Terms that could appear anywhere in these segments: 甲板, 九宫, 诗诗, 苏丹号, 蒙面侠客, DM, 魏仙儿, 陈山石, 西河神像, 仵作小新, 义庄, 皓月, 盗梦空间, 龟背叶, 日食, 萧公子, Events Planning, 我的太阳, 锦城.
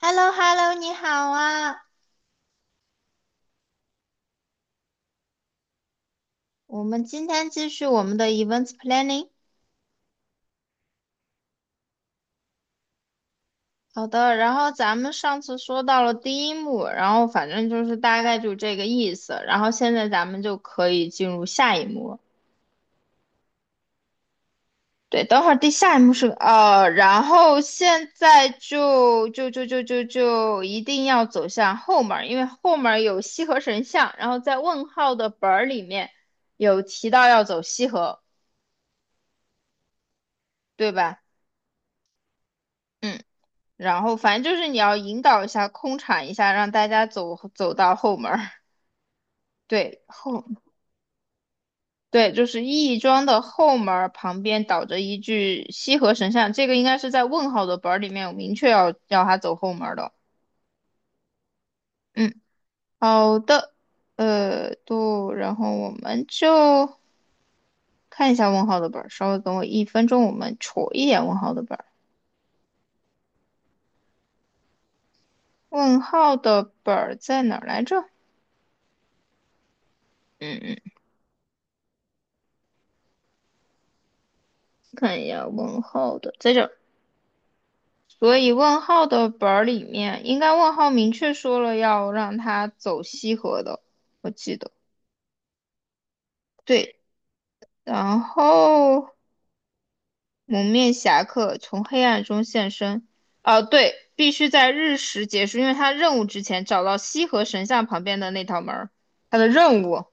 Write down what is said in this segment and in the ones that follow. h e l l o h e l l o 你好啊！我们今天继续我们的 Events Planning。好的，然后咱们上次说到了第一幕，然后反正就是大概就这个意思。然后现在咱们就可以进入下一幕了。对，等会儿第下一幕是然后现在就一定要走向后门，因为后门有西河神像，然后在问号的本儿里面有提到要走西河，对吧？嗯。然后反正就是你要引导一下，空场一下，让大家走到后门儿。对，后，对，就是义庄的后门儿旁边倒着一具西河神像，这个应该是在问号的本儿里面有明确要他走后门儿的。嗯，好的，对，然后我们就看一下问号的本儿，稍微等我一分钟，我们瞅一眼问号的本儿。问号的本儿在哪儿来着？嗯嗯，看一下问号的，在这所以问号的本儿里面，应该问号明确说了要让他走西河的，我记得。对，然后蒙面侠客从黑暗中现身，哦，对，必须在日食结束，因为他任务之前找到西河神像旁边的那道门儿，他的任务。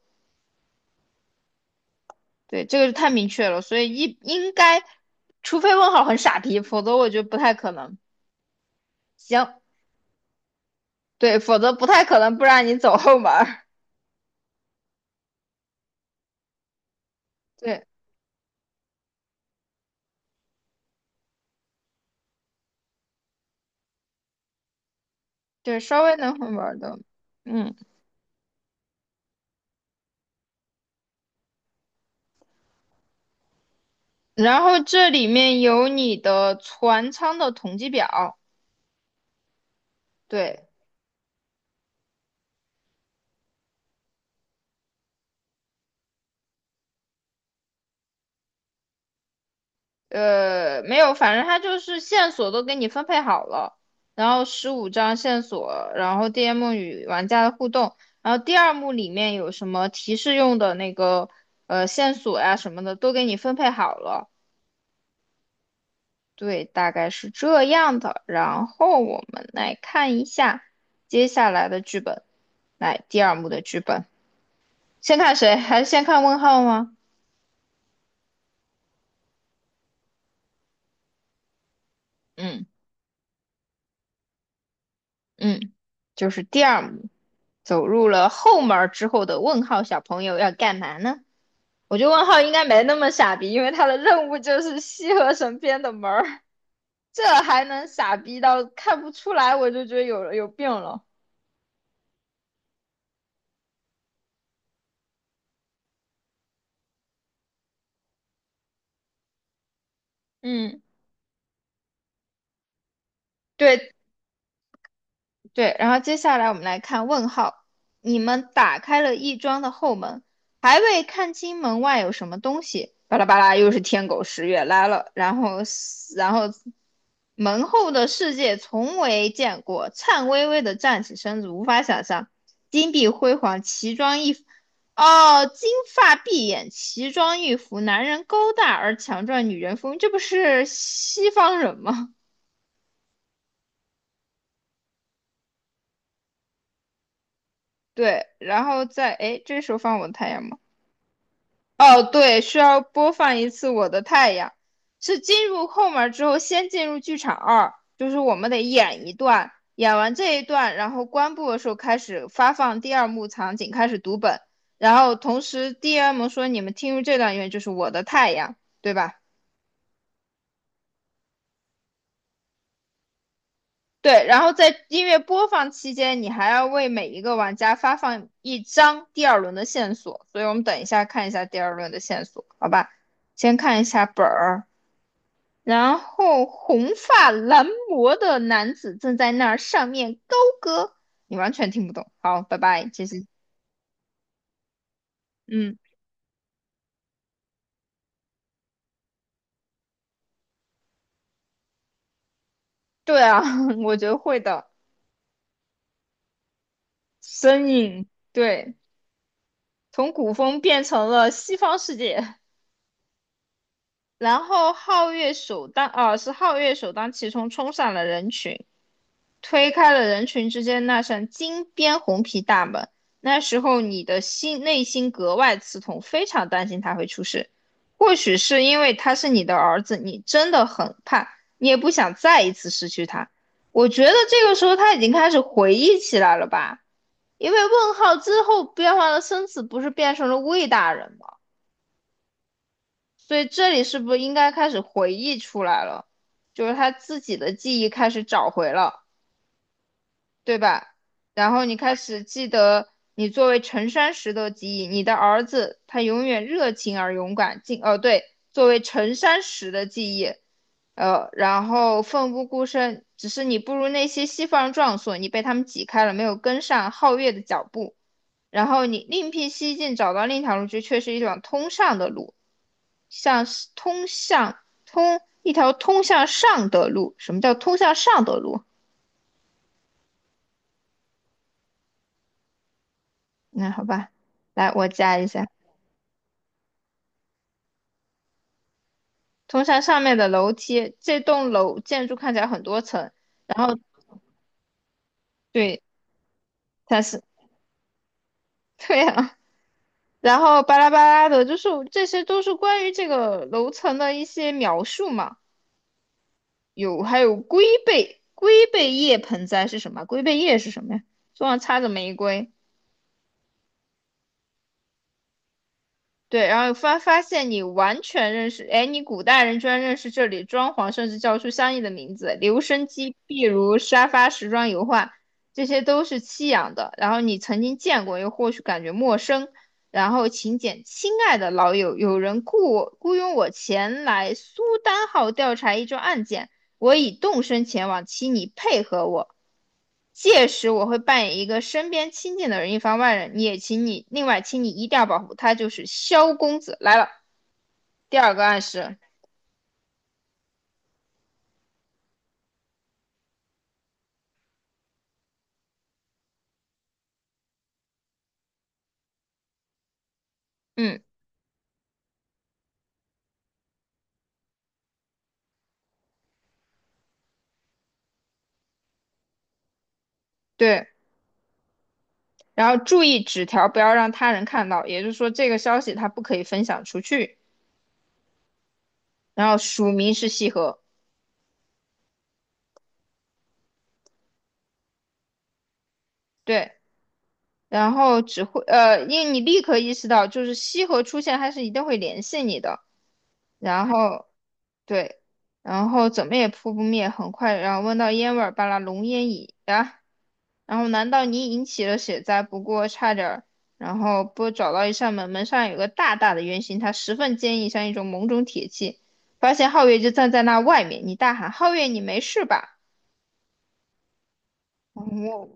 对，这个是太明确了，所以一应该，除非问号很傻逼，否则我觉得不太可能。行，对，否则不太可能不让你走后门儿。对。对，稍微能会玩的，嗯，然后这里面有你的船舱的统计表，对，没有，反正它就是线索都给你分配好了，然后15张线索，然后 DM 与玩家的互动，然后第二幕里面有什么提示用的那个线索呀、什么的都给你分配好了，对，大概是这样的，然后我们来看一下接下来的剧本，来第二幕的剧本。先看谁？还是先看问号吗？嗯嗯，就是第二幕，走入了后门儿之后的问号小朋友要干嘛呢？我觉得问号应该没那么傻逼，因为他的任务就是西河神边的门儿，这还能傻逼到看不出来，我就觉得有病了。嗯，对，对，然后接下来我们来看问号。你们打开了亦庄的后门，还未看清门外有什么东西，巴拉巴拉又是天狗食月来了。然后门后的世界从未见过，颤巍巍的站起身子，无法想象。金碧辉煌，奇装异服。哦，金发碧眼，奇装异服，男人高大而强壮，女人风韵这不是西方人吗？对，然后在，哎，这时候放我太阳吗？哦，对，需要播放一次《我的太阳》，是进入后门之后，先进入剧场二，就是我们得演一段，演完这一段，然后关部的时候开始发放第二幕场景，开始读本，然后同时 DM 说你们听入这段音乐就是《我的太阳》，对吧？对，然后在音乐播放期间，你还要为每一个玩家发放一张第二轮的线索，所以我们等一下看一下第二轮的线索，好吧？先看一下本儿。然后红发蓝魔的男子正在那儿上面高歌，你完全听不懂。好，拜拜，其实，嗯，对啊，我觉得会的。身影，对，从古风变成了西方世界，然后皓月首当，啊，是皓月首当其冲冲上了人群。推开了人群之间那扇金边红皮大门。那时候你的心内心格外刺痛，非常担心他会出事。或许是因为他是你的儿子，你真的很怕，你也不想再一次失去他。我觉得这个时候他已经开始回忆起来了吧？因为问号之后变换了生词，不是变成了魏大人吗？所以这里是不是应该开始回忆出来了？就是他自己的记忆开始找回了。对吧？然后你开始记得你作为陈山石的记忆，你的儿子他永远热情而勇敢，哦对，作为陈山石的记忆，然后奋不顾身，只是你不如那些西方人壮硕，你被他们挤开了，没有跟上皓月的脚步，然后你另辟蹊径，找到另一条路去，这却是一条通上的路，像是通一条通向上的路。什么叫通向上的路？那好吧，来我加一下。通向上面的楼梯。这栋楼建筑看起来很多层，然后对，它是 对啊，然后巴拉巴拉的，就是这些都是关于这个楼层的一些描述嘛。还有龟背，龟背叶盆栽是什么？龟背叶是什么呀？桌上插着玫瑰。对，然后发现你完全认识，哎，你古代人居然认识这里装潢，甚至叫出相应的名字，留声机、壁炉、沙发、时装、油画，这些都是西洋的。然后你曾经见过，又或许感觉陌生。然后请柬，亲爱的老友，有人雇佣我前来苏丹号调查一桩案件，我已动身前往，请你配合我。届时我会扮演一个身边亲近的人，以防外人。你也请你，另外请你一定要保护他，就是萧公子来了。第二个暗示，嗯，对。然后注意纸条不要让他人看到，也就是说这个消息他不可以分享出去。然后署名是西河，对。然后只会因为你立刻意识到，就是西河出现，他是一定会联系你的。然后对，然后怎么也扑不灭，很快，然后闻到烟味儿，把那浓烟已啊，然后难道你引起了血灾？不过差点儿，然后不找到一扇门，门上有个大大的圆形，它十分坚硬，像一种某种铁器。发现皓月就站在那外面，你大喊：“皓月，你没事吧？”我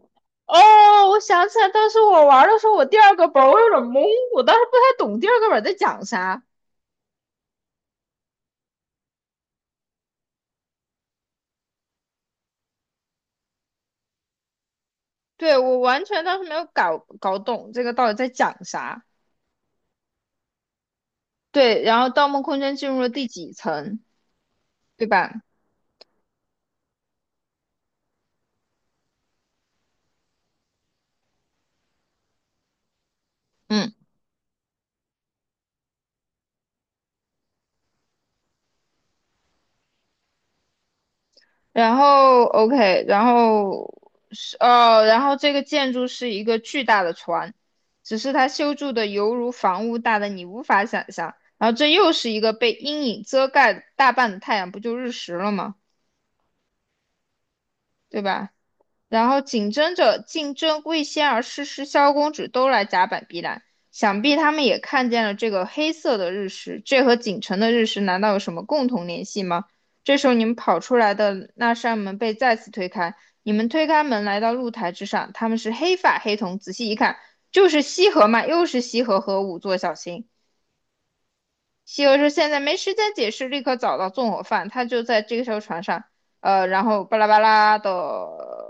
哦，我想起来，当时我玩的时候，我第二个本儿我有点懵，我当时不太懂第二个本儿在讲啥。对，我完全当时没有搞懂这个到底在讲啥。对，然后《盗梦空间》进入了第几层，对吧？嗯，然后 OK，然后是哦，然后这个建筑是一个巨大的船，只是它修筑的犹如房屋大的你无法想象。然后这又是一个被阴影遮盖大半的太阳，不就日食了吗？对吧？然后竞争魏仙儿、诗诗、萧公子都来甲板避难，想必他们也看见了这个黑色的日食，这和锦城的日食难道有什么共同联系吗？这时候你们跑出来的那扇门被再次推开，你们推开门来到露台之上，他们是黑发黑瞳，仔细一看就是西河嘛，又是西河和仵作小新。西游说：“现在没时间解释，立刻找到纵火犯，他就在这艘船上，然后巴拉巴拉的，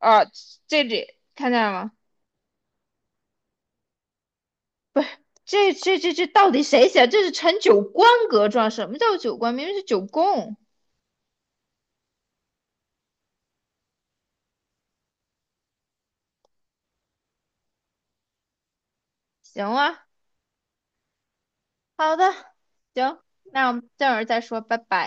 啊，这里看见了吗？这到底谁写？这是陈九官格状？什么叫九官？明明是九宫。行啊，好的，行，那我们待会儿再说，拜拜。